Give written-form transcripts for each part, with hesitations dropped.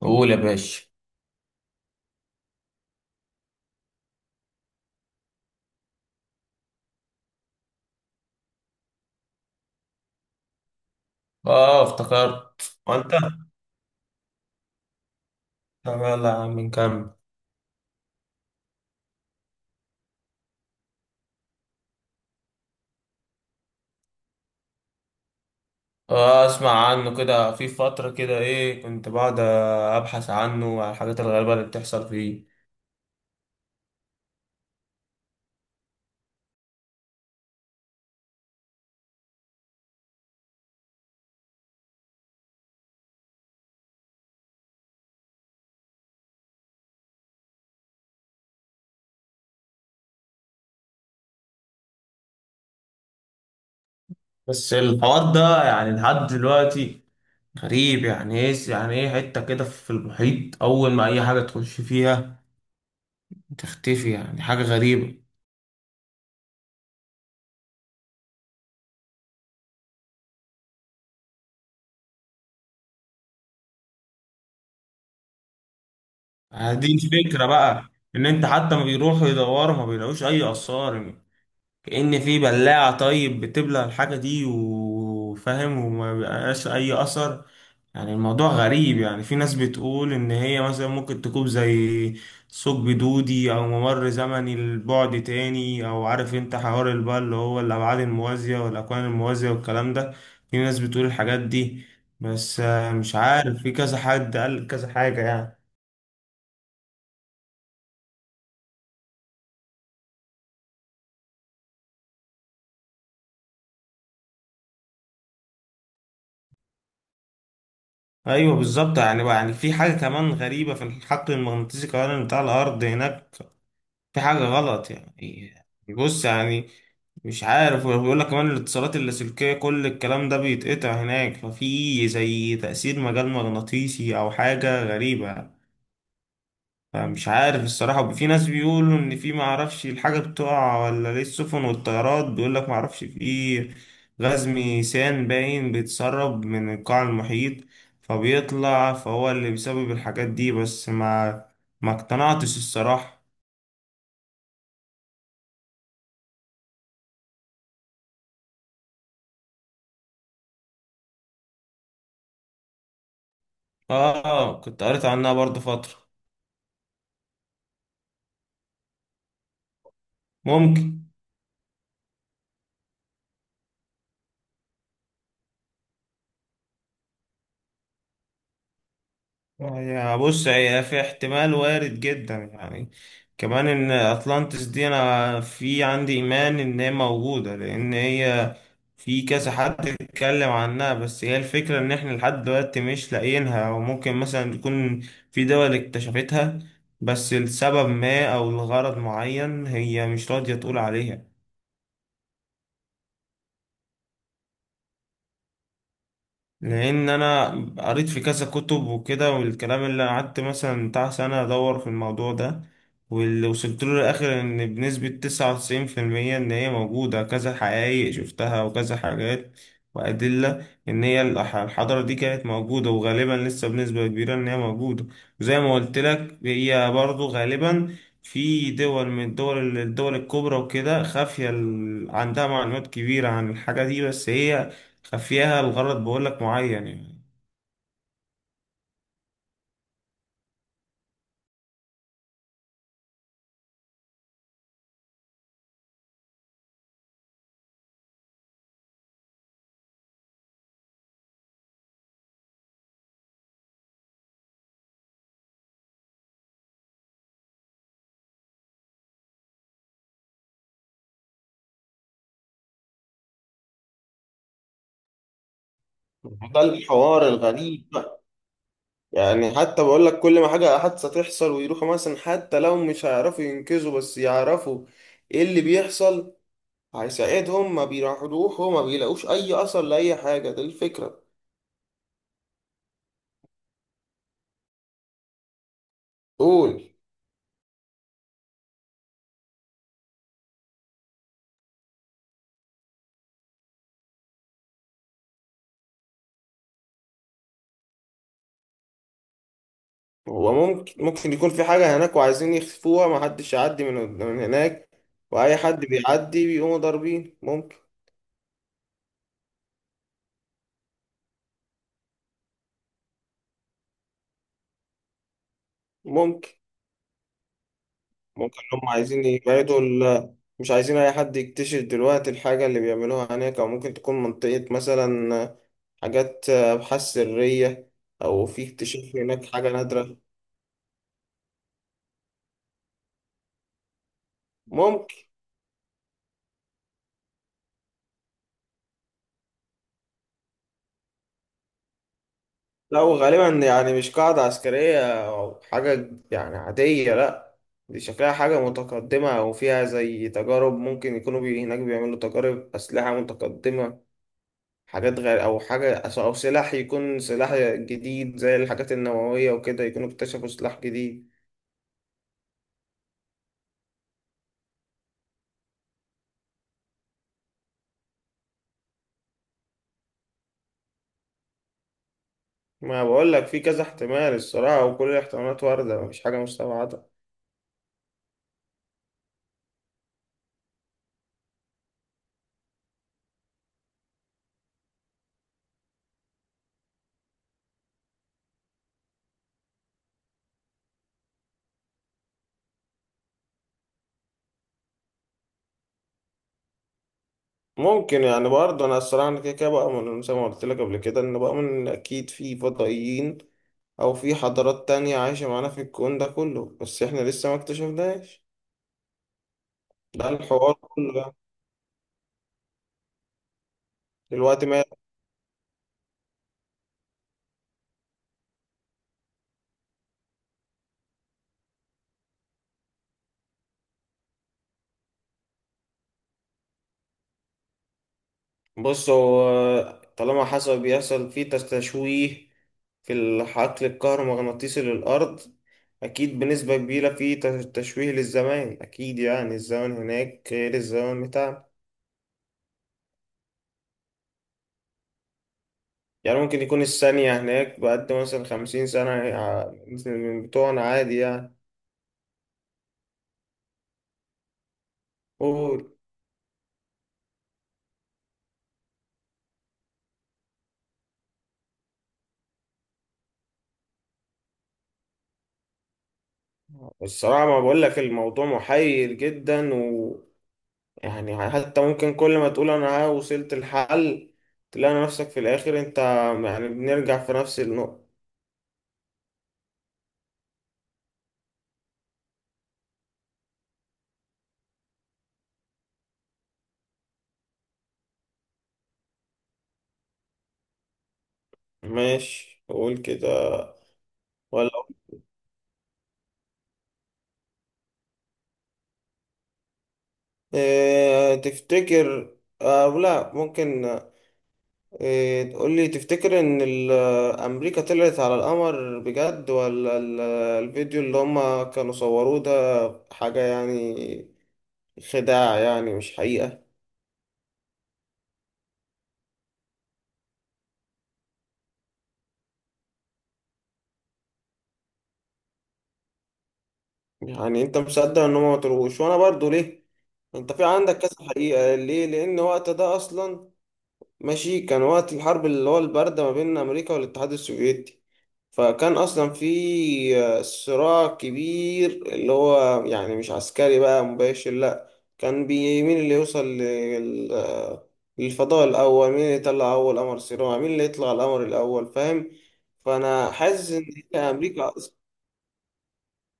قول يا باشا. اه، افتكرت وانت؟ طب يلا يا عم نكمل. اه، اسمع عنه كده، في فترة كده ايه كنت بقعد ابحث عنه وعن الحاجات الغريبة اللي بتحصل فيه. بس الحوار ده يعني لحد دلوقتي غريب. يعني ايه حتة كده في المحيط، اول ما اي حاجة تخش فيها تختفي، يعني حاجة غريبة. يعني دي الفكرة بقى، ان انت حتى ما بيروحوا يدوروا ما بيلاقوش اي اثار. كأن في بلاعة، طيب، بتبلع الحاجة دي وفاهم، وما بيبقاش أي أثر. يعني الموضوع غريب. يعني في ناس بتقول إن هي مثلا ممكن تكون زي ثقب دودي أو ممر زمني لبعد تاني، أو عارف أنت حوار اللي بقى اللي هو الأبعاد الموازية والأكوان الموازية والكلام ده. في ناس بتقول الحاجات دي. بس مش عارف، في كذا حد قال كذا حاجة يعني. ايوه، بالظبط. يعني بقى، يعني في حاجه كمان غريبه في الحقل المغناطيسي كمان بتاع الارض هناك. في حاجة غلط يعني. بص يعني، مش عارف، وبيقول لك كمان الاتصالات اللاسلكية كل الكلام ده بيتقطع هناك، ففي زي تأثير مجال مغناطيسي أو حاجة غريبة. فمش عارف الصراحة، في ناس بيقولوا إن في معرفش الحاجة بتقع ولا ليه السفن والطيارات، بيقول لك معرفش في غاز ميثان باين بيتسرب من القاع المحيط، فبيطلع، فهو اللي بيسبب الحاجات دي، بس ما اقتنعتش الصراحة. اه، كنت قريت عنها برضه فترة. ممكن. هي بص، هي في احتمال وارد جدا يعني، كمان ان اطلانتس دي انا في عندي ايمان ان هي موجودة، لان هي في كذا حد اتكلم عنها. بس هي الفكرة ان احنا لحد دلوقتي مش لاقيينها، او ممكن مثلا يكون في دول اكتشفتها، بس لسبب ما او لغرض معين هي مش راضية تقول عليها. لان انا قريت في كذا كتب وكده، والكلام اللي قعدت مثلا بتاع سنة ادور في الموضوع ده، واللي وصلت له الاخر ان بنسبة 99% ان هي موجودة، كذا حقائق شفتها وكذا حاجات وأدلة إن هي الحضارة دي كانت موجودة، وغالبا لسه بنسبة كبيرة إن هي موجودة. وزي ما قلت لك، هي برضو غالبا في دول من الدول الكبرى وكده، خافية، عندها معلومات كبيرة عن الحاجة دي، بس هي خفيها الغرض بقول لك معين يعني. الحوار الغريب بقى. يعني حتى بقول لك، كل ما حاجة حادثة تحصل ويروحوا مثلا، حتى لو مش هيعرفوا ينقذوا بس يعرفوا ايه اللي بيحصل هيساعدهم، ما بيروحوا ما بيلاقوش اي اثر لأي حاجة. ده الفكرة. قول. هو ممكن يكون في حاجة هناك وعايزين يخفوها ما حدش يعدي من هناك، واي حد بيعدي بيقوموا ضاربين، ممكن. ممكن. ممكن هم عايزين يبعدوا. مش عايزين أي حد يكتشف دلوقتي الحاجة اللي بيعملوها هناك، أو ممكن تكون منطقة مثلا حاجات أبحاث سرية، أو في اكتشاف هناك حاجة نادرة. ممكن. لو غالبا يعني مش قاعدة عسكرية أو حاجة يعني عادية، لأ. دي شكلها حاجة متقدمة، أو فيها زي تجارب، ممكن يكونوا هناك بيعملوا تجارب أسلحة متقدمة، حاجات غير، او حاجه، او سلاح يكون سلاح جديد زي الحاجات النوويه وكده، يكونوا اكتشفوا سلاح جديد. ما بقول لك في كذا احتمال الصراحه، وكل الاحتمالات وارده، مفيش حاجه مستبعده. ممكن يعني برضه، انا الصراحه انا كده كده بؤمن، زي ما قلت لك قبل كده، ان بؤمن ان اكيد في فضائيين، او في حضارات تانية عايشه معانا في الكون ده كله، بس احنا لسه ما اكتشفناش. ده الحوار كله يعني. دلوقتي، بص، هو طالما حصل بيحصل فيه تشويه في الحقل الكهرومغناطيسي للأرض، أكيد بنسبة كبيرة فيه تشويه للزمان، أكيد يعني الزمن هناك غير الزمن بتاعنا. يعني ممكن يكون الثانية هناك بقد مثلا 50 سنة مثل من بتوعنا، عادي يعني. قول. الصراحة ما بقول لك الموضوع محير جدا، يعني حتى ممكن كل ما تقول انا ها وصلت الحل، تلاقي نفسك في الاخر انت يعني بنرجع في نفس النقطة. ماشي، قول كده. ولا إيه تفتكر؟ آه، لا، ممكن. إيه تقول لي، تفتكر ان امريكا طلعت على القمر بجد، ولا الفيديو اللي هما كانوا صوروه ده حاجة يعني خداع يعني مش حقيقة؟ يعني انت مصدق ان هما ما طلعوش وانا برضو، ليه؟ انت في عندك كذا حقيقة، ليه؟ لأن وقت ده أصلا، ماشي، كان وقت الحرب اللي هو الباردة ما بين أمريكا والاتحاد السوفيتي، فكان أصلا في صراع كبير، اللي هو يعني مش عسكري بقى مباشر، لأ. كان مين اللي يوصل للفضاء الأول، مين اللي يطلع أول قمر صناعي، مين اللي يطلع القمر الأول، فاهم؟ فأنا حاسس إن هي أمريكا،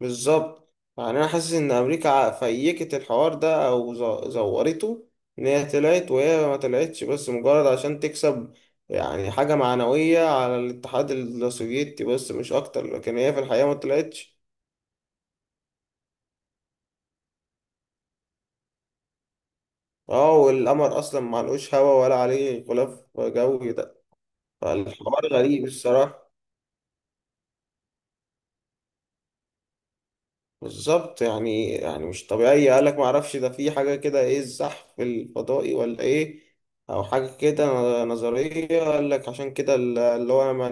بالظبط يعني انا حاسس ان امريكا فيكت الحوار ده او زورته. ان هي طلعت وهي ما طلعتش، بس مجرد عشان تكسب يعني حاجة معنوية على الاتحاد السوفيتي، بس مش اكتر، لكن هي في الحقيقة ما طلعتش. اه، والقمر اصلا ما لهوش هوا ولا عليه غلاف جوي ده، فالحوار غريب الصراحة. بالظبط، يعني مش طبيعية، قالك ما اعرفش ده في حاجة كده، ايه الزحف الفضائي ولا ايه، او حاجة كده. نظرية قالك، عشان كده اللي هو لما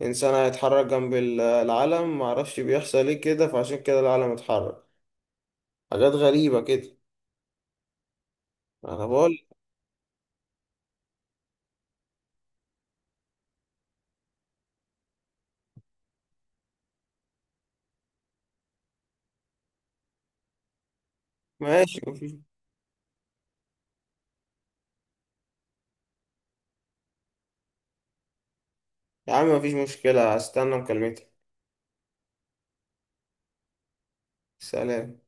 الانسان هيتحرك جنب العلم، ما اعرفش بيحصل ايه كده، فعشان كده العلم اتحرك. حاجات غريبة كده. انا بقول، ماشي، مفيش. يا عم مفيش مشكلة، هستنى مكالمتك. سلام.